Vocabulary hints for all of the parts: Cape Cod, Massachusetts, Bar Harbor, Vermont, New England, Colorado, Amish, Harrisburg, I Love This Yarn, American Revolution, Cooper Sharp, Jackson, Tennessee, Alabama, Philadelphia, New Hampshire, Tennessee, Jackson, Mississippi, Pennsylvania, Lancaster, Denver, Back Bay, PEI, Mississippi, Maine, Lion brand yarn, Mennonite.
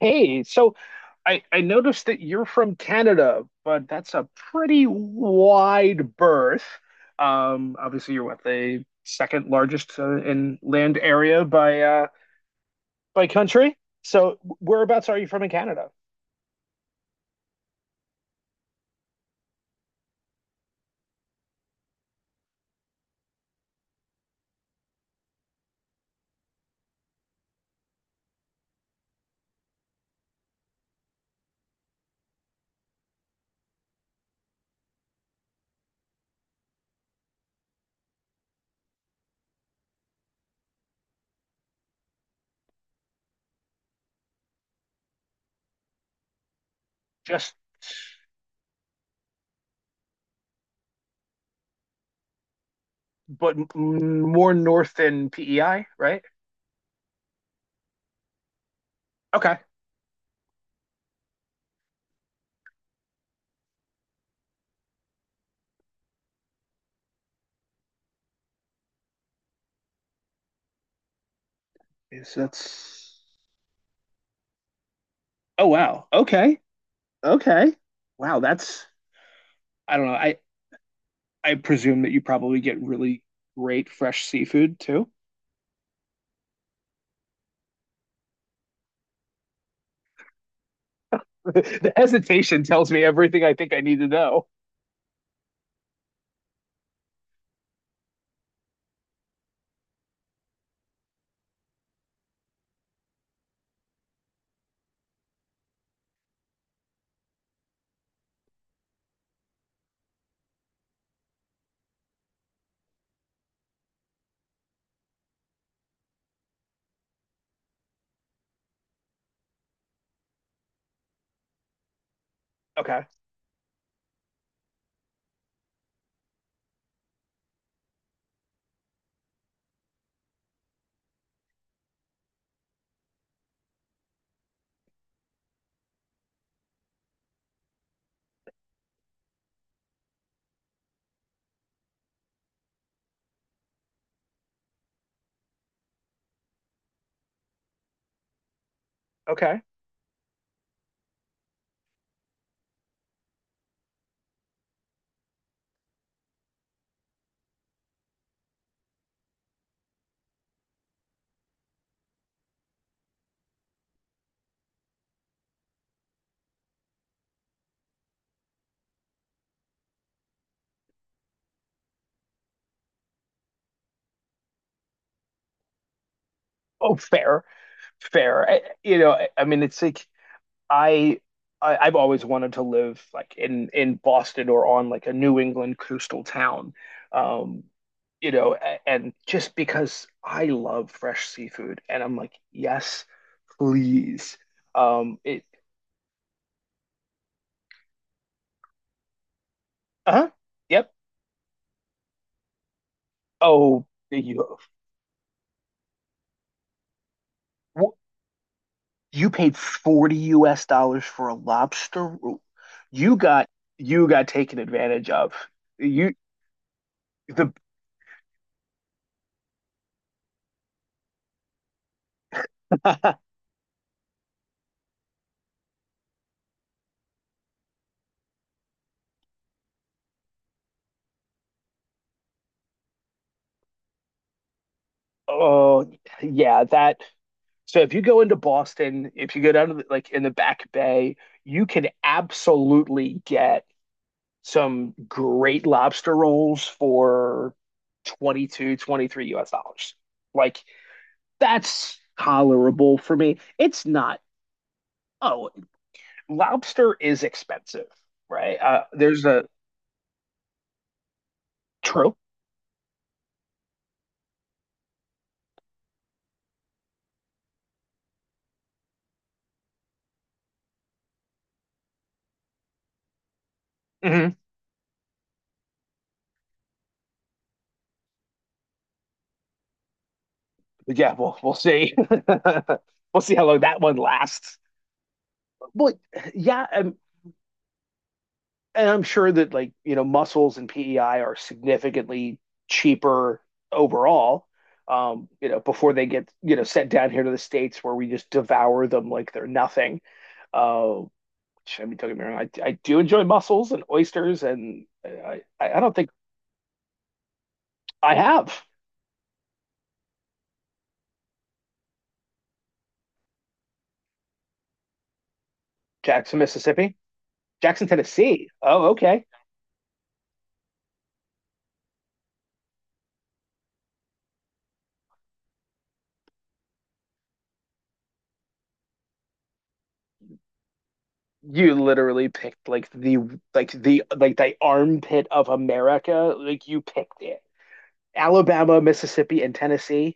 Hey, so I noticed that you're from Canada, but that's a pretty wide berth. Obviously, you're what, the second largest in land area by country. So, whereabouts are you from in Canada? Just but more north than PEI, right? Okay. Yes, that's. Oh wow. Okay. Okay. Wow, that's. I don't know. I presume that you probably get really great fresh seafood too. The hesitation tells me everything I think I need to know. Okay. Okay. Oh, fair, fair. I I mean, it's like I, I I've always wanted to live like in Boston or on like a New England coastal town. Um, you know, and just because I love fresh seafood, and I'm like, yes, please. Um, it, uh-huh, yep. Oh, you. You paid 40 US dollars for a lobster roll. You got you got taken advantage of. You the oh yeah, that so if you go into Boston, if you go down to the, like in the Back Bay, you can absolutely get some great lobster rolls for 22, 23 US dollars. Like that's tolerable for me. It's not, oh, lobster is expensive, right? There's a trope. Hmm. Yeah, we'll see. We'll see how long that one lasts. But yeah, and I'm sure that, like, you know, mussels and PEI are significantly cheaper overall. You know, before they get, you know, sent down here to the States where we just devour them like they're nothing. Uh, which, I mean, don't get me wrong, I do enjoy mussels and oysters, and I don't think I have. Jackson, Mississippi. Jackson, Tennessee. Oh, okay. You literally picked like the armpit of America. Like you picked it. Alabama, Mississippi, and Tennessee.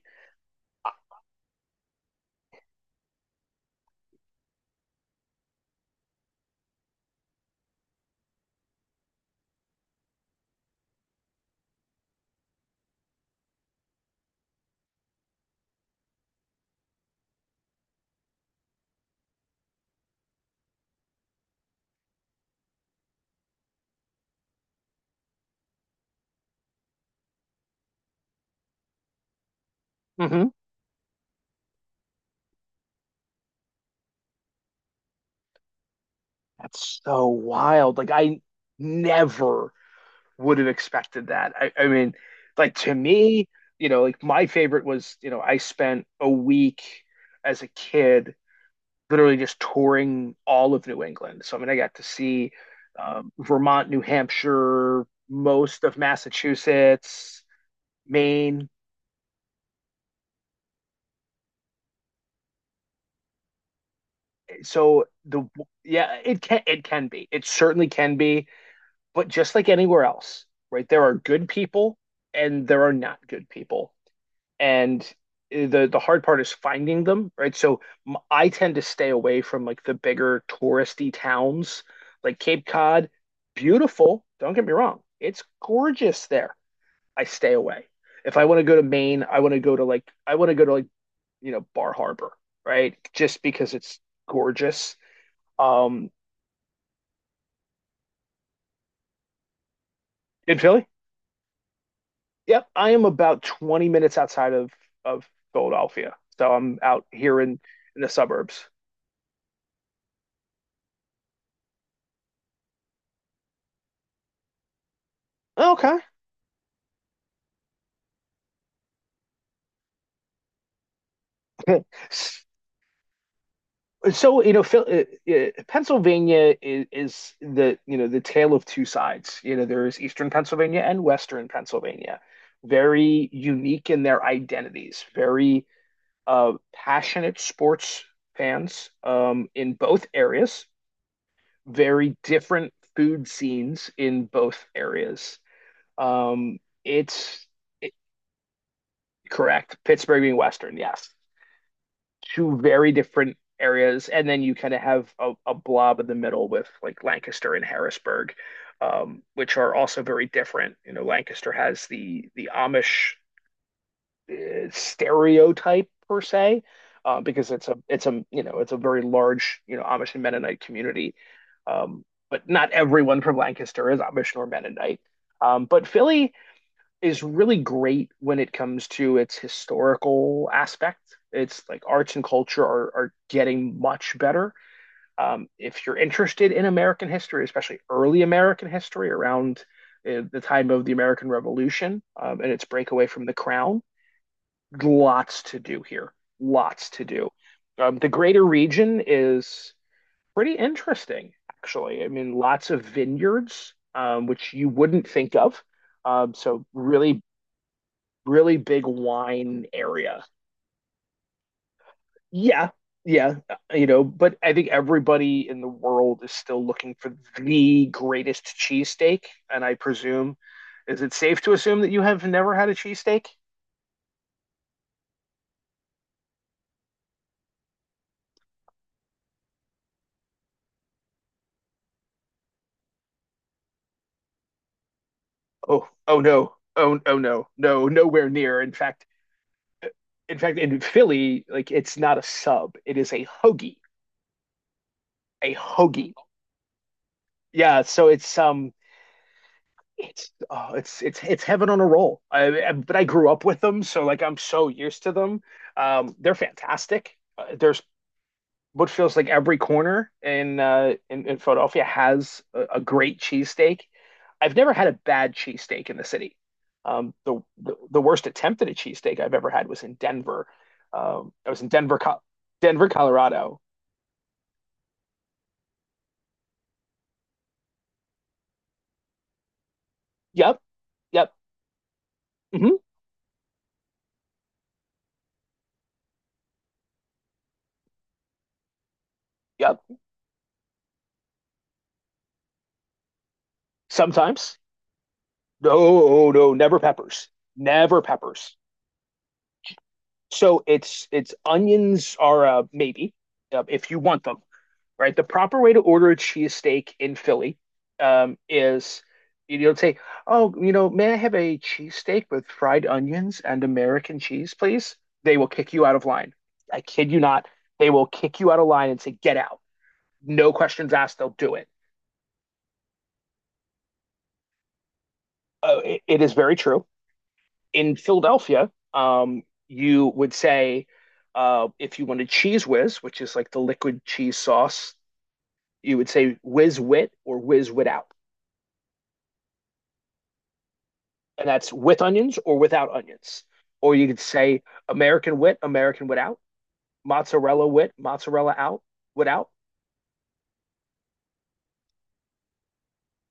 Hmm. That's so wild. Like I never would have expected that. I mean, like to me, you know, like my favorite was, you know, I spent a week as a kid literally just touring all of New England. So, I mean, I got to see Vermont, New Hampshire, most of Massachusetts, Maine. So the Yeah, it can be. It certainly can be, but just like anywhere else, right? There are good people and there are not good people. And the hard part is finding them, right? So I tend to stay away from like the bigger touristy towns, like Cape Cod. Beautiful, don't get me wrong. It's gorgeous there. I stay away. If I want to go to Maine, I want to go to like you know, Bar Harbor, right? Just because it's gorgeous. Um in Philly? Yep, I am about 20 minutes outside of Philadelphia. So I'm out here in the suburbs. Okay. So you know Phil, Pennsylvania is the, you know, the tale of two sides. You know, there is eastern Pennsylvania and western Pennsylvania, very unique in their identities, very passionate sports fans in both areas, very different food scenes in both areas, um, it's it, correct, Pittsburgh being western, yes. Two very different areas, and then you kind of have a blob in the middle with like Lancaster and Harrisburg, which are also very different. You know, Lancaster has the Amish stereotype per se, because it's a you know, it's a very large, you know, Amish and Mennonite community, um, but not everyone from Lancaster is Amish nor Mennonite. But Philly is really great when it comes to its historical aspect. It's like arts and culture are getting much better. If you're interested in American history, especially early American history around the time of the American Revolution and its breakaway from the crown, lots to do here. Lots to do. The greater region is pretty interesting, actually. I mean, lots of vineyards, which you wouldn't think of. So really really big wine area. Yeah, yeah, you know, but I think everybody in the world is still looking for the greatest cheesesteak. And I presume, is it safe to assume that you have never had a cheesesteak? Oh, oh no, oh, oh no, no, nowhere near. In fact, uh, in fact, in Philly, like, it's not a sub; it is a hoagie, a hoagie. Yeah, so it's oh, it's heaven on a roll. But I grew up with them, so like I'm so used to them. They're fantastic. There's what feels like every corner in in Philadelphia has a great cheesesteak. I've never had a bad cheesesteak in the city. The worst attempt at a cheesesteak I've ever had was in Denver. I was in Denver, Colorado. Yep, yep, hmm, yep. Sometimes. No, no, never peppers. Never peppers. So it's Onions are maybe if you want them, right? The proper way to order a cheesesteak in Philly is you don't say, "Oh, you know, may I have a cheesesteak with fried onions and American cheese, please?" They will kick you out of line. I kid you not. They will kick you out of line and say, "Get out." No questions asked. They'll do it. It is very true. In Philadelphia, you would say if you want a cheese whiz, which is like the liquid cheese sauce, you would say whiz wit or whiz without, and that's with onions or without onions. Or you could say American wit, American without, mozzarella wit, mozzarella out, without.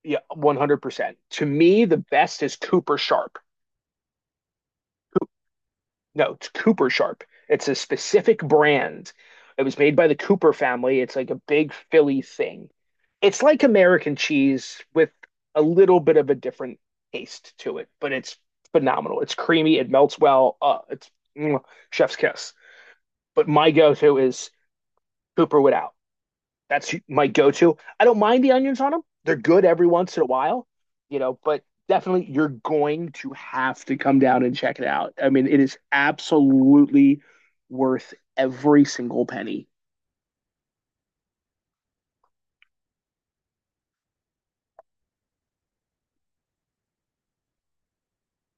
Yeah, 100%. To me, the best is Cooper Sharp. No, it's Cooper Sharp. It's a specific brand. It was made by the Cooper family. It's like a big Philly thing. It's like American cheese with a little bit of a different taste to it, but it's phenomenal. It's creamy. It melts well. Mm, Chef's kiss. But my go-to is Cooper without. That's my go-to. I don't mind the onions on them. They're good every once in a while, you know, but definitely you're going to have to come down and check it out. I mean, it is absolutely worth every single penny.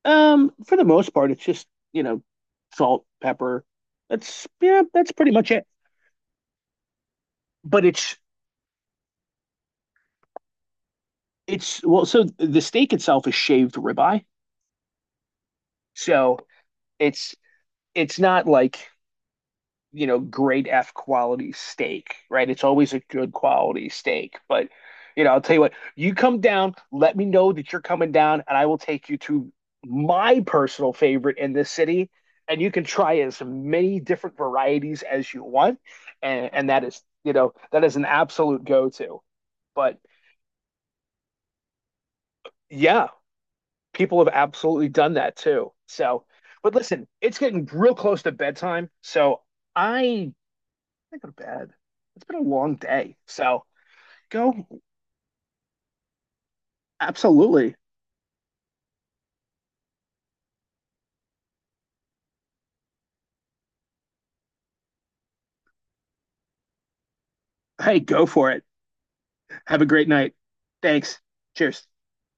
For the most part, it's just, you know, salt, pepper. That's yeah, that's pretty much it. But it's Well, so the steak itself is shaved ribeye. So it's it's not like, you know, grade F quality steak, right? It's always a good quality steak. But, you know, I'll tell you what, you come down, let me know that you're coming down, and I will take you to my personal favorite in this city. And you can try as many different varieties as you want. And that is, you know, that is an absolute go-to. But yeah, people have absolutely done that too. So, but listen, it's getting real close to bedtime. So I I go to bed. It's been a long day. So go. Absolutely. Hey, go for it. Have a great night. Thanks. Cheers.